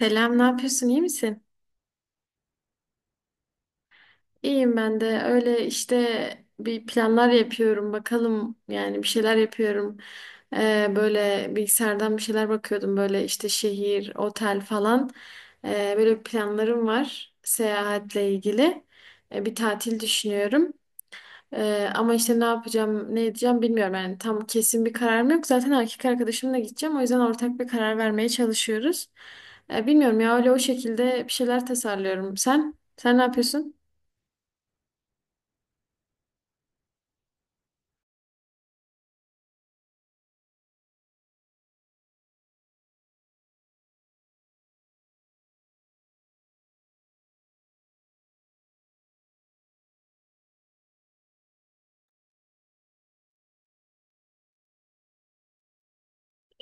Selam, ne yapıyorsun? İyi misin? İyiyim ben de. Öyle işte bir planlar yapıyorum. Bakalım, yani bir şeyler yapıyorum. Böyle bilgisayardan bir şeyler bakıyordum. Böyle işte şehir, otel falan. Böyle planlarım var seyahatle ilgili. Bir tatil düşünüyorum. Ama işte ne yapacağım, ne edeceğim bilmiyorum. Yani tam kesin bir kararım yok. Zaten erkek arkadaşımla gideceğim. O yüzden ortak bir karar vermeye çalışıyoruz. Bilmiyorum ya, öyle o şekilde bir şeyler tasarlıyorum. Sen? Sen ne yapıyorsun?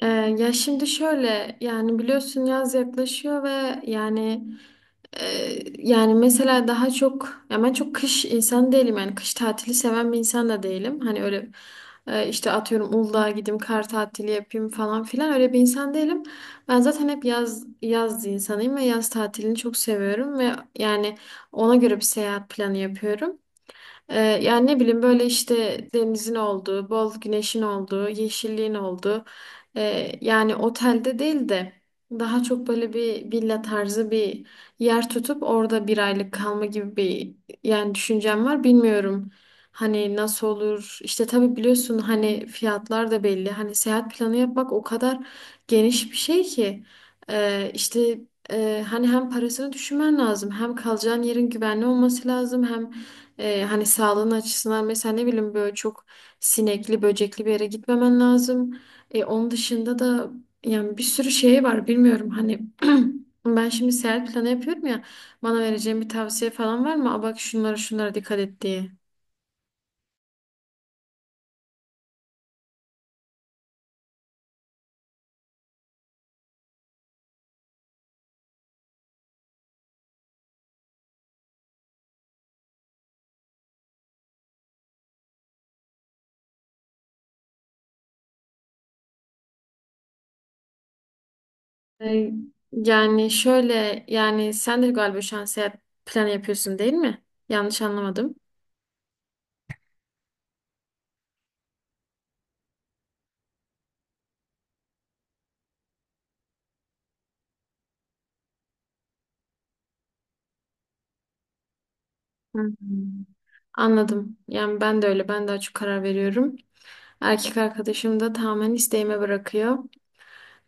Ya şimdi şöyle, yani biliyorsun yaz yaklaşıyor ve yani yani mesela daha çok, ya ben çok kış insan değilim, yani kış tatili seven bir insan da değilim. Hani öyle işte atıyorum Uludağ'a gideyim, kar tatili yapayım falan filan, öyle bir insan değilim. Ben zaten hep yaz yaz insanıyım ve yaz tatilini çok seviyorum ve yani ona göre bir seyahat planı yapıyorum. Yani ne bileyim, böyle işte denizin olduğu, bol güneşin olduğu, yeşilliğin olduğu yani otelde değil de daha çok böyle bir villa tarzı bir yer tutup orada bir aylık kalma gibi bir yani düşüncem var. Bilmiyorum hani nasıl olur, işte tabii biliyorsun hani fiyatlar da belli, hani seyahat planı yapmak o kadar geniş bir şey ki ee, işte hani hem parasını düşünmen lazım, hem kalacağın yerin güvenli olması lazım, hem hani sağlığın açısından, mesela ne bileyim böyle çok sinekli, böcekli bir yere gitmemen lazım. Onun dışında da yani bir sürü şey var bilmiyorum hani ben şimdi seyahat planı yapıyorum ya, bana vereceğin bir tavsiye falan var mı? Aa, bak şunlara şunlara dikkat et diye. Ee, Yani şöyle, yani sen de galiba şu an seyahat planı yapıyorsun değil mi? Yanlış anlamadım. Hmm. Anladım. Yani ben de öyle. Ben daha çok karar veriyorum. Erkek arkadaşım da tamamen isteğime bırakıyor.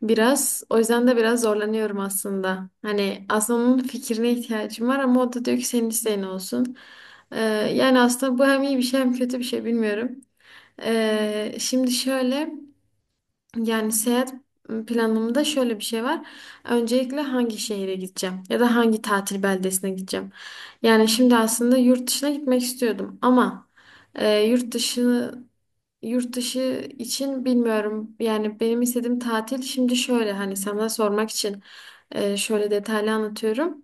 Biraz o yüzden de biraz zorlanıyorum aslında. Hani aslında onun fikrine ihtiyacım var ama o da diyor ki senin isteğin olsun. Ee, Yani aslında bu hem iyi bir şey hem kötü bir şey, bilmiyorum. Şimdi şöyle, yani seyahat planımda şöyle bir şey var. Öncelikle hangi şehire gideceğim ya da hangi tatil beldesine gideceğim. Yani şimdi aslında yurt dışına gitmek istiyordum ama e, yurt dışı yurt dışı için bilmiyorum. Yani benim istediğim tatil şimdi şöyle, hani sana sormak için şöyle detaylı anlatıyorum.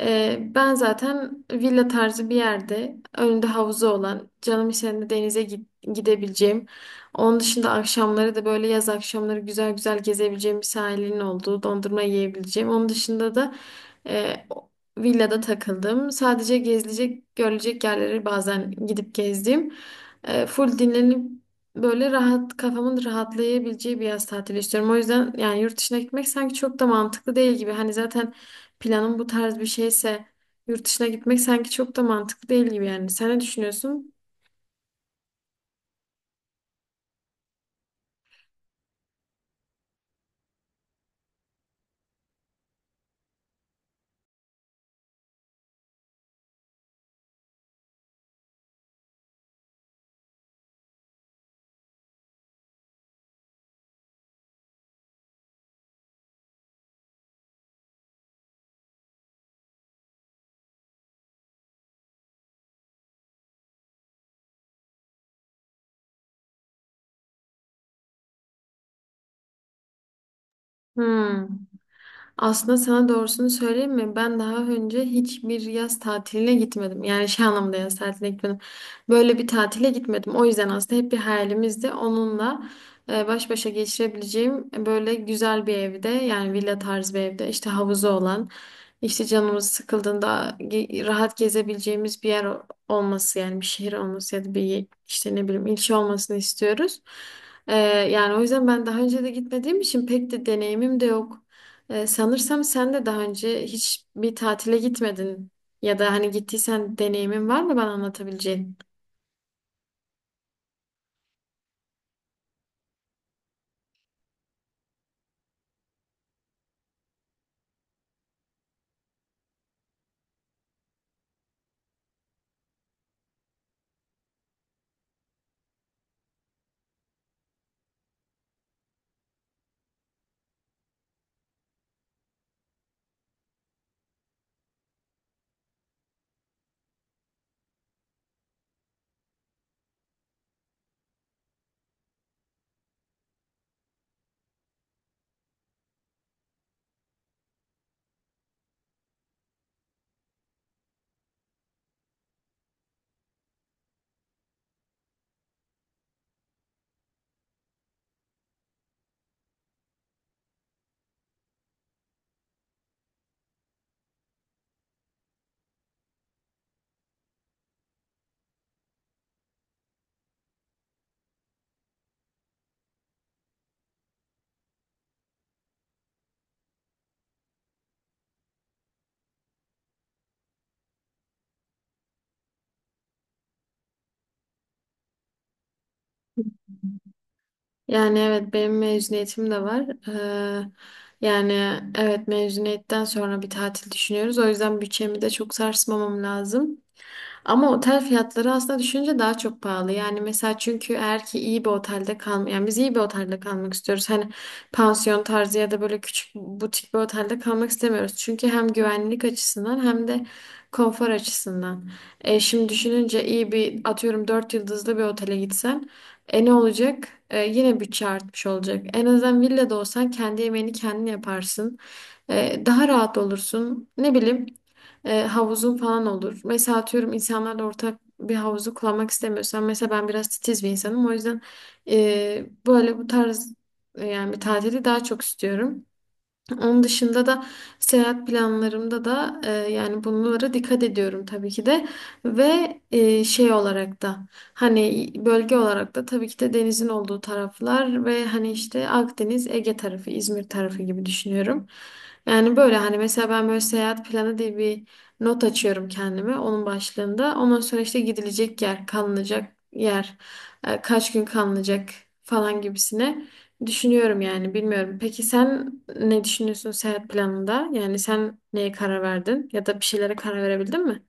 Ben zaten villa tarzı bir yerde, önünde havuzu olan, canım istediğinde denize gidebileceğim. Onun dışında akşamları da böyle yaz akşamları güzel güzel gezebileceğim bir sahilin olduğu, dondurma yiyebileceğim. Onun dışında da e, o- villada takıldım. Sadece gezilecek görülecek yerleri bazen gidip gezdim. E, full dinlenip böyle rahat, kafamın rahatlayabileceği bir yaz tatili istiyorum. O yüzden yani yurt dışına gitmek sanki çok da mantıklı değil gibi. Hani zaten planın bu tarz bir şeyse yurt dışına gitmek sanki çok da mantıklı değil gibi yani. Sen ne düşünüyorsun? Hmm. Aslında sana doğrusunu söyleyeyim mi? Ben daha önce hiçbir yaz tatiline gitmedim. Yani şey anlamda yaz tatiline gitmedim. Böyle bir tatile gitmedim. O yüzden aslında hep bir hayalimizdi. Onunla baş başa geçirebileceğim, böyle güzel bir evde, yani villa tarzı bir evde, işte havuzu olan, işte canımız sıkıldığında rahat gezebileceğimiz bir yer olması, yani bir şehir olması ya da bir işte ne bileyim ilçe olmasını istiyoruz. E, yani o yüzden ben daha önce de gitmediğim için pek de deneyimim de yok. Sanırsam sen de daha önce hiç bir tatile gitmedin ya da hani gittiysen deneyimin var mı bana anlatabileceğin? Yani evet, benim mezuniyetim de var. Yani evet, mezuniyetten sonra bir tatil düşünüyoruz. O yüzden bütçemi de çok sarsmamam lazım. Ama otel fiyatları aslında düşünce daha çok pahalı. Yani mesela çünkü eğer ki iyi bir otelde yani biz iyi bir otelde kalmak istiyoruz. Hani pansiyon tarzı ya da böyle küçük butik bir otelde kalmak istemiyoruz. Çünkü hem güvenlik açısından hem de konfor açısından. E, şimdi düşününce iyi bir, atıyorum 4 yıldızlı bir otele gitsen e ne olacak? E, yine bütçe artmış olacak. En azından villada olsan kendi yemeğini kendin yaparsın. E, daha rahat olursun. Ne bileyim havuzun falan olur. Mesela atıyorum insanlarla ortak bir havuzu kullanmak istemiyorsan, mesela ben biraz titiz bir insanım. O yüzden böyle bu tarz yani bir tatili daha çok istiyorum. Onun dışında da seyahat planlarımda da yani bunlara dikkat ediyorum tabii ki de, ve şey olarak da hani bölge olarak da tabii ki de denizin olduğu taraflar, ve hani işte Akdeniz, Ege tarafı, İzmir tarafı gibi düşünüyorum. Yani böyle hani mesela ben böyle seyahat planı diye bir not açıyorum kendime, onun başlığında. Ondan sonra işte gidilecek yer, kalınacak yer, kaç gün kalınacak falan gibisine. Düşünüyorum yani, bilmiyorum. Peki sen ne düşünüyorsun seyahat planında? Yani sen neye karar verdin, ya da bir şeylere karar verebildin mi?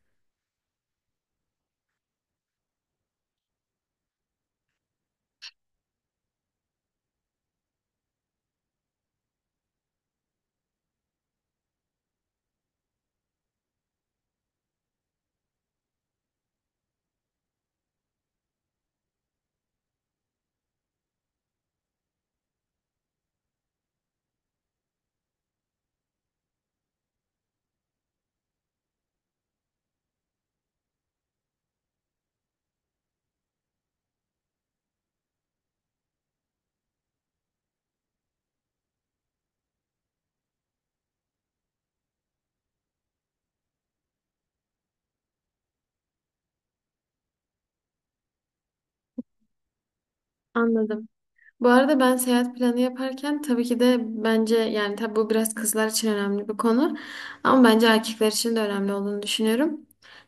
Anladım. Bu arada ben seyahat planı yaparken tabii ki de, bence yani tabii bu biraz kızlar için önemli bir konu, ama bence erkekler için de önemli olduğunu düşünüyorum.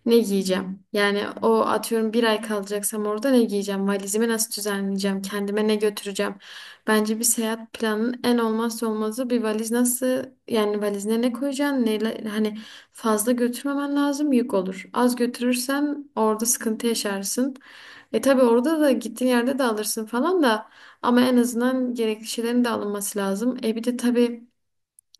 Ne giyeceğim? Yani o atıyorum bir ay kalacaksam orada ne giyeceğim? Valizimi nasıl düzenleyeceğim? Kendime ne götüreceğim? Bence bir seyahat planının en olmazsa olmazı bir valiz, nasıl, yani valizine ne koyacaksın? Neyle, hani fazla götürmemen lazım, yük olur. Az götürürsen orada sıkıntı yaşarsın. E tabii orada da, gittiğin yerde de alırsın falan da ama en azından gerekli şeylerin de alınması lazım. E bir de tabii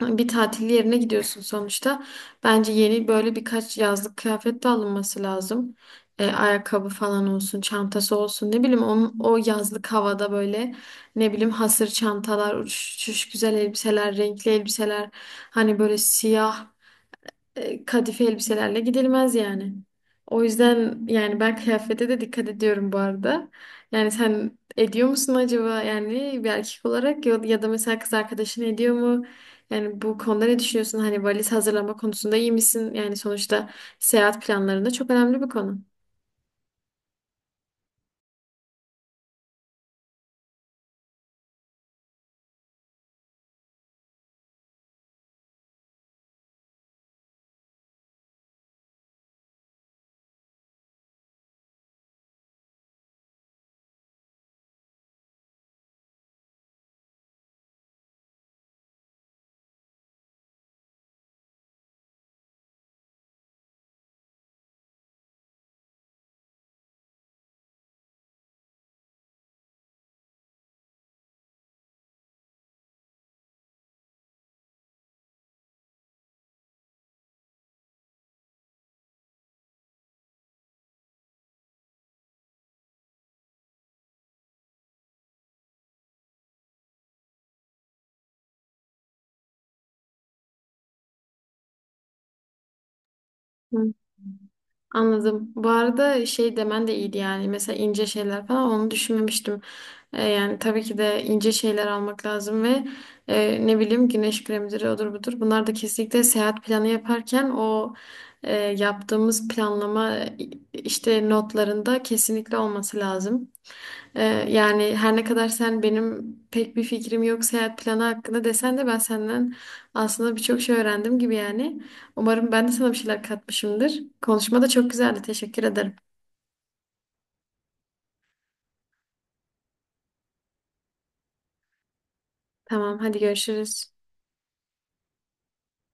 bir tatil yerine gidiyorsun sonuçta. Bence yeni böyle birkaç yazlık kıyafet de alınması lazım. E, ayakkabı falan olsun, çantası olsun. Ne bileyim onun, o yazlık havada böyle, ne bileyim hasır çantalar, uçuş güzel elbiseler, renkli elbiseler. Hani böyle siyah kadife elbiselerle gidilmez yani. O yüzden yani ben kıyafete de dikkat ediyorum bu arada. Yani sen ediyor musun acaba, yani bir erkek olarak, ya, ya da mesela kız arkadaşın ediyor mu? Yani bu konuda ne düşünüyorsun? Hani valiz hazırlama konusunda iyi misin? Yani sonuçta seyahat planlarında çok önemli bir konu. Anladım. Bu arada şey demen de iyiydi yani. Mesela ince şeyler falan, onu düşünmemiştim. Yani tabii ki de ince şeyler almak lazım ve ne bileyim güneş kremleri, odur budur. Bunlar da kesinlikle seyahat planı yaparken, o yaptığımız planlama, işte notlarında kesinlikle olması lazım. Ee, Yani her ne kadar sen benim pek bir fikrim yok seyahat planı hakkında desen de, ben senden aslında birçok şey öğrendim gibi yani. Umarım ben de sana bir şeyler katmışımdır. Konuşma da çok güzeldi. Teşekkür ederim. Tamam, hadi görüşürüz.